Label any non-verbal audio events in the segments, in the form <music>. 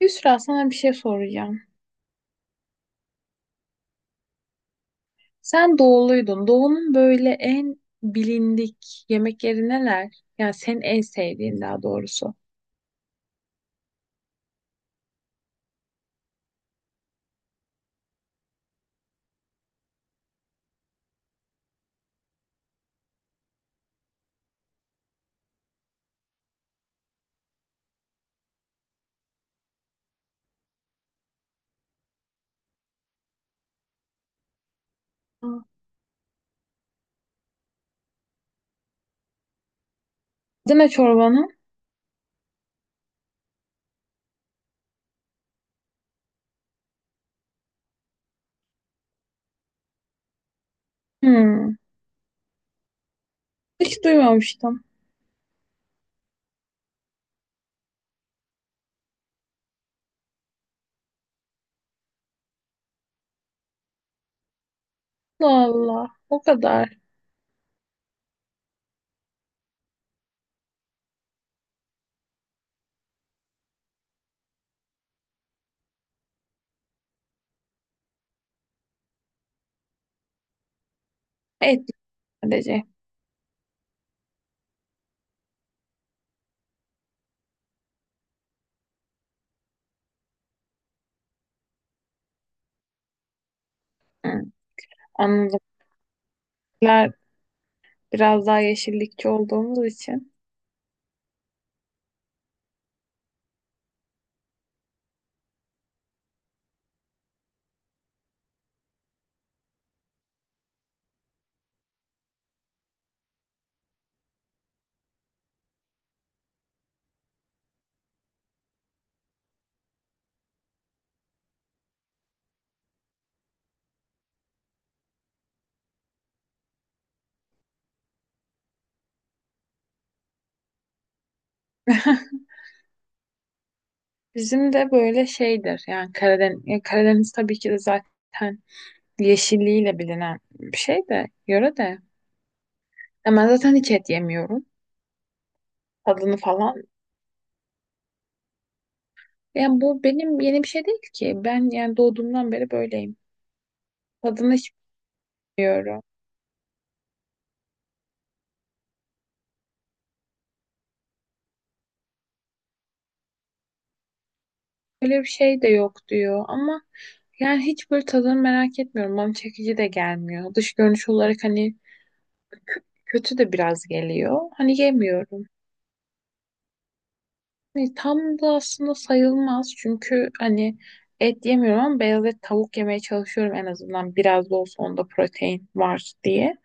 Yusra, sana bir şey soracağım. Sen doğuluydun. Doğunun böyle en bilindik yemekleri neler? Yani senin en sevdiğin, daha doğrusu. Aa. Deme çorbanı. Hmm. Hiç duymamıştım. Allah, o kadar. Et sadece. Hmm. Anladım. Bizler, biraz daha yeşillikçi olduğumuz için. <laughs> Bizim de böyle şeydir. Yani Karadeniz, yani Karadeniz tabii ki de zaten yeşilliğiyle bilinen bir şey de, yöre de. Ama zaten hiç et yemiyorum. Tadını falan. Yani bu benim yeni bir şey değil ki. Ben yani doğduğumdan beri böyleyim. Tadını hiç bilmiyorum. Öyle bir şey de yok diyor ama yani hiç böyle tadını merak etmiyorum. Bana çekici de gelmiyor. Dış görünüş olarak hani kötü de biraz geliyor. Hani yemiyorum. Hani tam da aslında sayılmaz çünkü hani et yemiyorum ama beyaz et, tavuk yemeye çalışıyorum, en azından biraz da olsa onda protein var diye.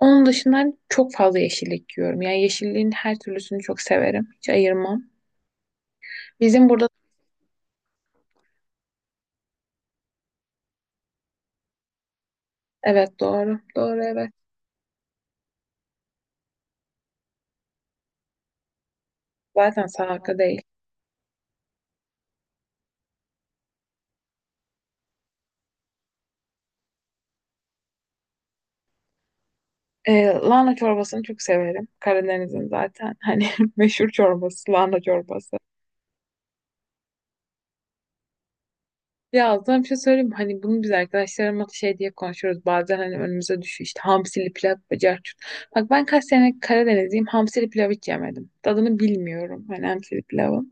Onun dışında çok fazla yeşillik yiyorum. Yani yeşilliğin her türlüsünü çok severim. Hiç ayırmam. Bizim burada evet doğru. Doğru, evet. Zaten salata değil. Lahana çorbasını çok severim. Karadeniz'in zaten hani <laughs> meşhur çorbası lahana çorbası. Ya aslında bir şey söyleyeyim mi? Hani bunu biz arkadaşlarımla şey diye konuşuyoruz. Bazen hani önümüze düşüyor işte hamsili pilav bacak çut. Bak, ben kaç sene Karadenizliyim, hamsili pilav hiç yemedim. Tadını bilmiyorum hani hamsili pilavı.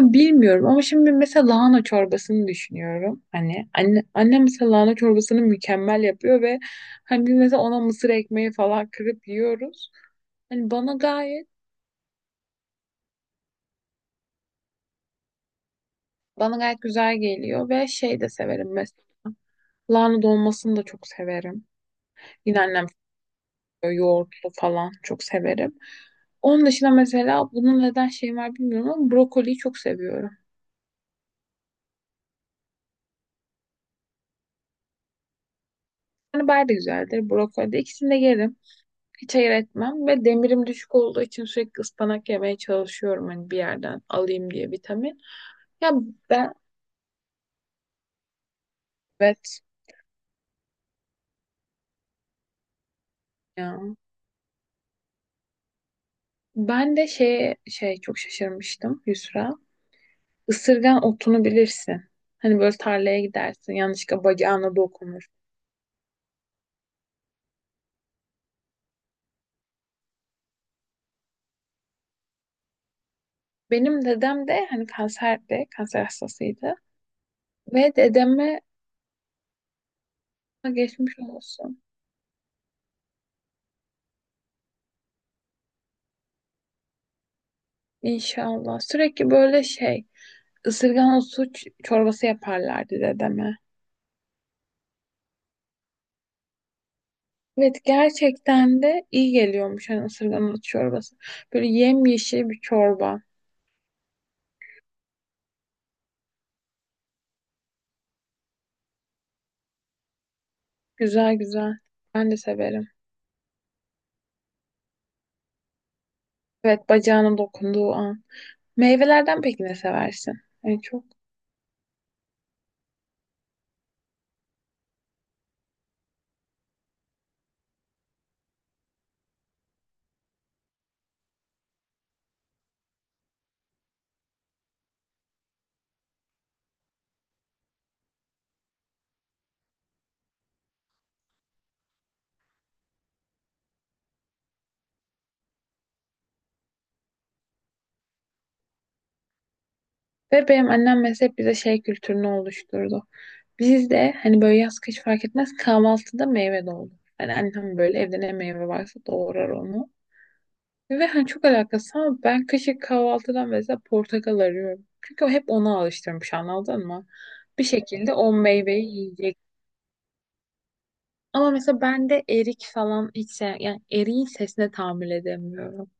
Bilmiyorum ama şimdi mesela lahana çorbasını düşünüyorum. Hani annem mesela lahana çorbasını mükemmel yapıyor ve hani biz mesela ona mısır ekmeği falan kırıp yiyoruz. Hani bana bana gayet güzel geliyor ve şey de severim mesela. Lahana dolmasını da çok severim. Yine annem yapıyor, yoğurtlu falan çok severim. Onun dışında mesela bunun neden şeyi var bilmiyorum ama brokoliyi çok seviyorum. Hani bayağı da güzeldir brokoli de, ikisini de yerim. Hiç hayır etmem ve demirim düşük olduğu için sürekli ıspanak yemeye çalışıyorum, hani bir yerden alayım diye vitamin. Ya ben evet ya. Ben de şey çok şaşırmıştım Yusra. Isırgan otunu bilirsin. Hani böyle tarlaya gidersin, yanlışlıkla bacağına dokunur. Benim dedem de hani kanserdi, kanser hastasıydı ve dedeme geçmiş olsun inşallah. Sürekli böyle şey ısırgan otu çorbası yaparlardı dedeme. Evet, gerçekten de iyi geliyormuş hani ısırgan ot çorbası. Böyle yemyeşil bir çorba. Güzel güzel. Ben de severim. Evet, bacağına dokunduğu an. Meyvelerden peki ne seversin? En çok. Ve benim annem mesela hep bize şey kültürünü oluşturdu. Biz de hani böyle yaz kış fark etmez, kahvaltıda meyve de olur. Yani annem böyle evde ne meyve varsa doğrar onu. Ve hani çok alakasız ama ben kışın kahvaltıdan mesela portakal arıyorum. Çünkü o hep ona alıştırmış, anladın mı? Bir şekilde o meyveyi yiyecek. Ama mesela ben de erik falan hiç sev, yani eriğin sesine tahammül edemiyorum.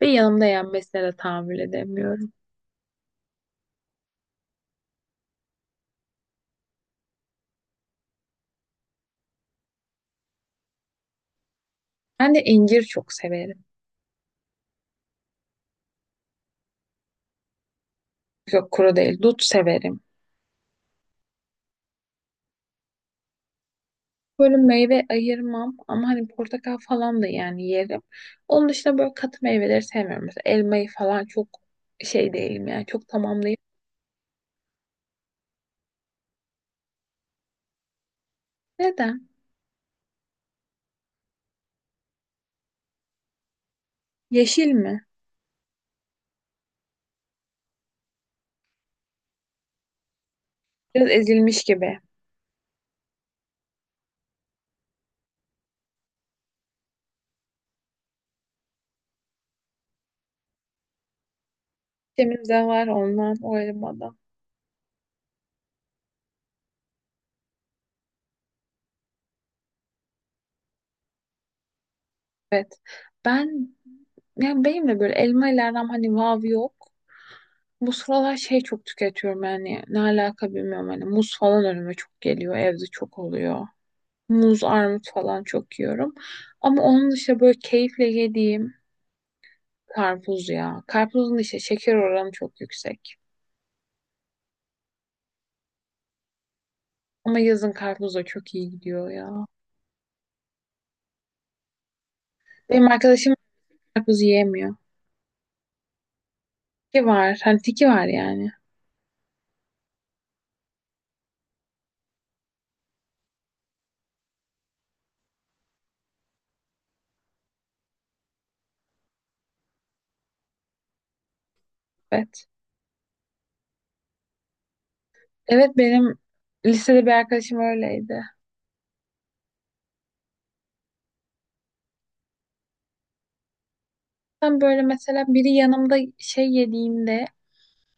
Ve yanımda yenmesine de tahammül edemiyorum. Ben de incir çok severim. Yok kuru değil, dut severim. Böyle meyve ayırmam ama hani portakal falan da yani yerim. Onun dışında böyle katı meyveleri sevmiyorum. Mesela elmayı falan çok şey değilim yani çok tamamlayıp. Neden? Yeşil mi? Biraz ezilmiş gibi. Temizden var ondan o elmadan. Evet. Ben yani benim de böyle elma ile aram hani vav yok. Bu sıralar şey çok tüketiyorum, yani ne alaka bilmiyorum, hani muz falan önüme çok geliyor, evde çok oluyor. Muz, armut falan çok yiyorum. Ama onun dışında böyle keyifle yediğim karpuz ya. Karpuzun işte şeker oranı çok yüksek. Ama yazın karpuz da çok iyi gidiyor ya. Benim arkadaşım karpuz yiyemiyor. Tiki var. Hani tiki var yani. Evet. Evet, benim lisede bir arkadaşım öyleydi. Ben böyle mesela biri yanımda şey yediğinde,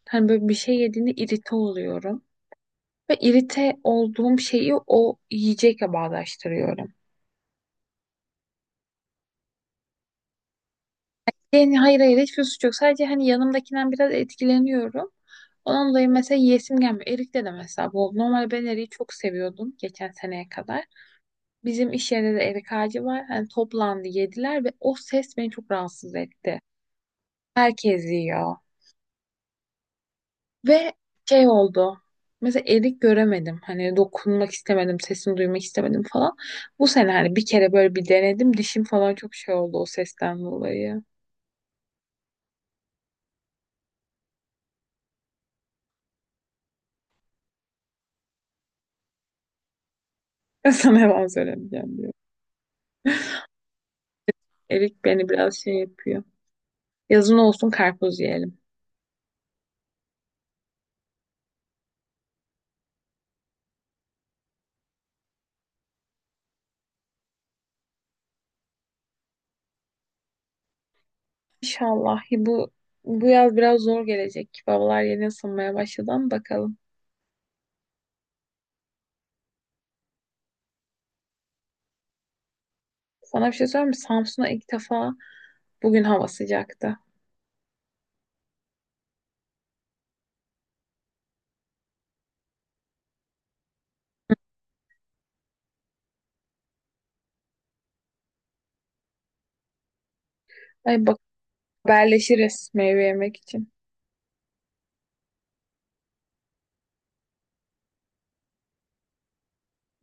hani böyle bir şey yediğinde irite oluyorum. Ve irite olduğum şeyi o yiyecekle bağdaştırıyorum. Yani hayır hayır, hiçbir suç yok. Sadece hani yanımdakinden biraz etkileniyorum. Ondan dolayı mesela yiyesim gelmiyor. Erik de de mesela bu oldu. Normalde ben eriği çok seviyordum geçen seneye kadar. Bizim iş yerinde de erik ağacı var. Hani toplandı yediler ve o ses beni çok rahatsız etti. Herkes yiyor. Ve şey oldu. Mesela erik göremedim. Hani dokunmak istemedim, sesini duymak istemedim falan. Bu sene hani bir kere böyle bir denedim. Dişim falan çok şey oldu o sesten dolayı. <laughs> Sana yalan söylemeyeceğim diyor. Erik beni biraz şey yapıyor. Yazın olsun karpuz yiyelim. İnşallah bu yaz biraz zor gelecek. Babalar yeni ısınmaya başladı ama bakalım. Sana bir şey söyleyeyim mi? Samsun'a ilk defa bugün hava sıcaktı. Ay bak, haberleşiriz meyve yemek için.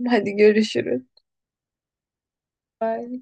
Hadi görüşürüz. Bye.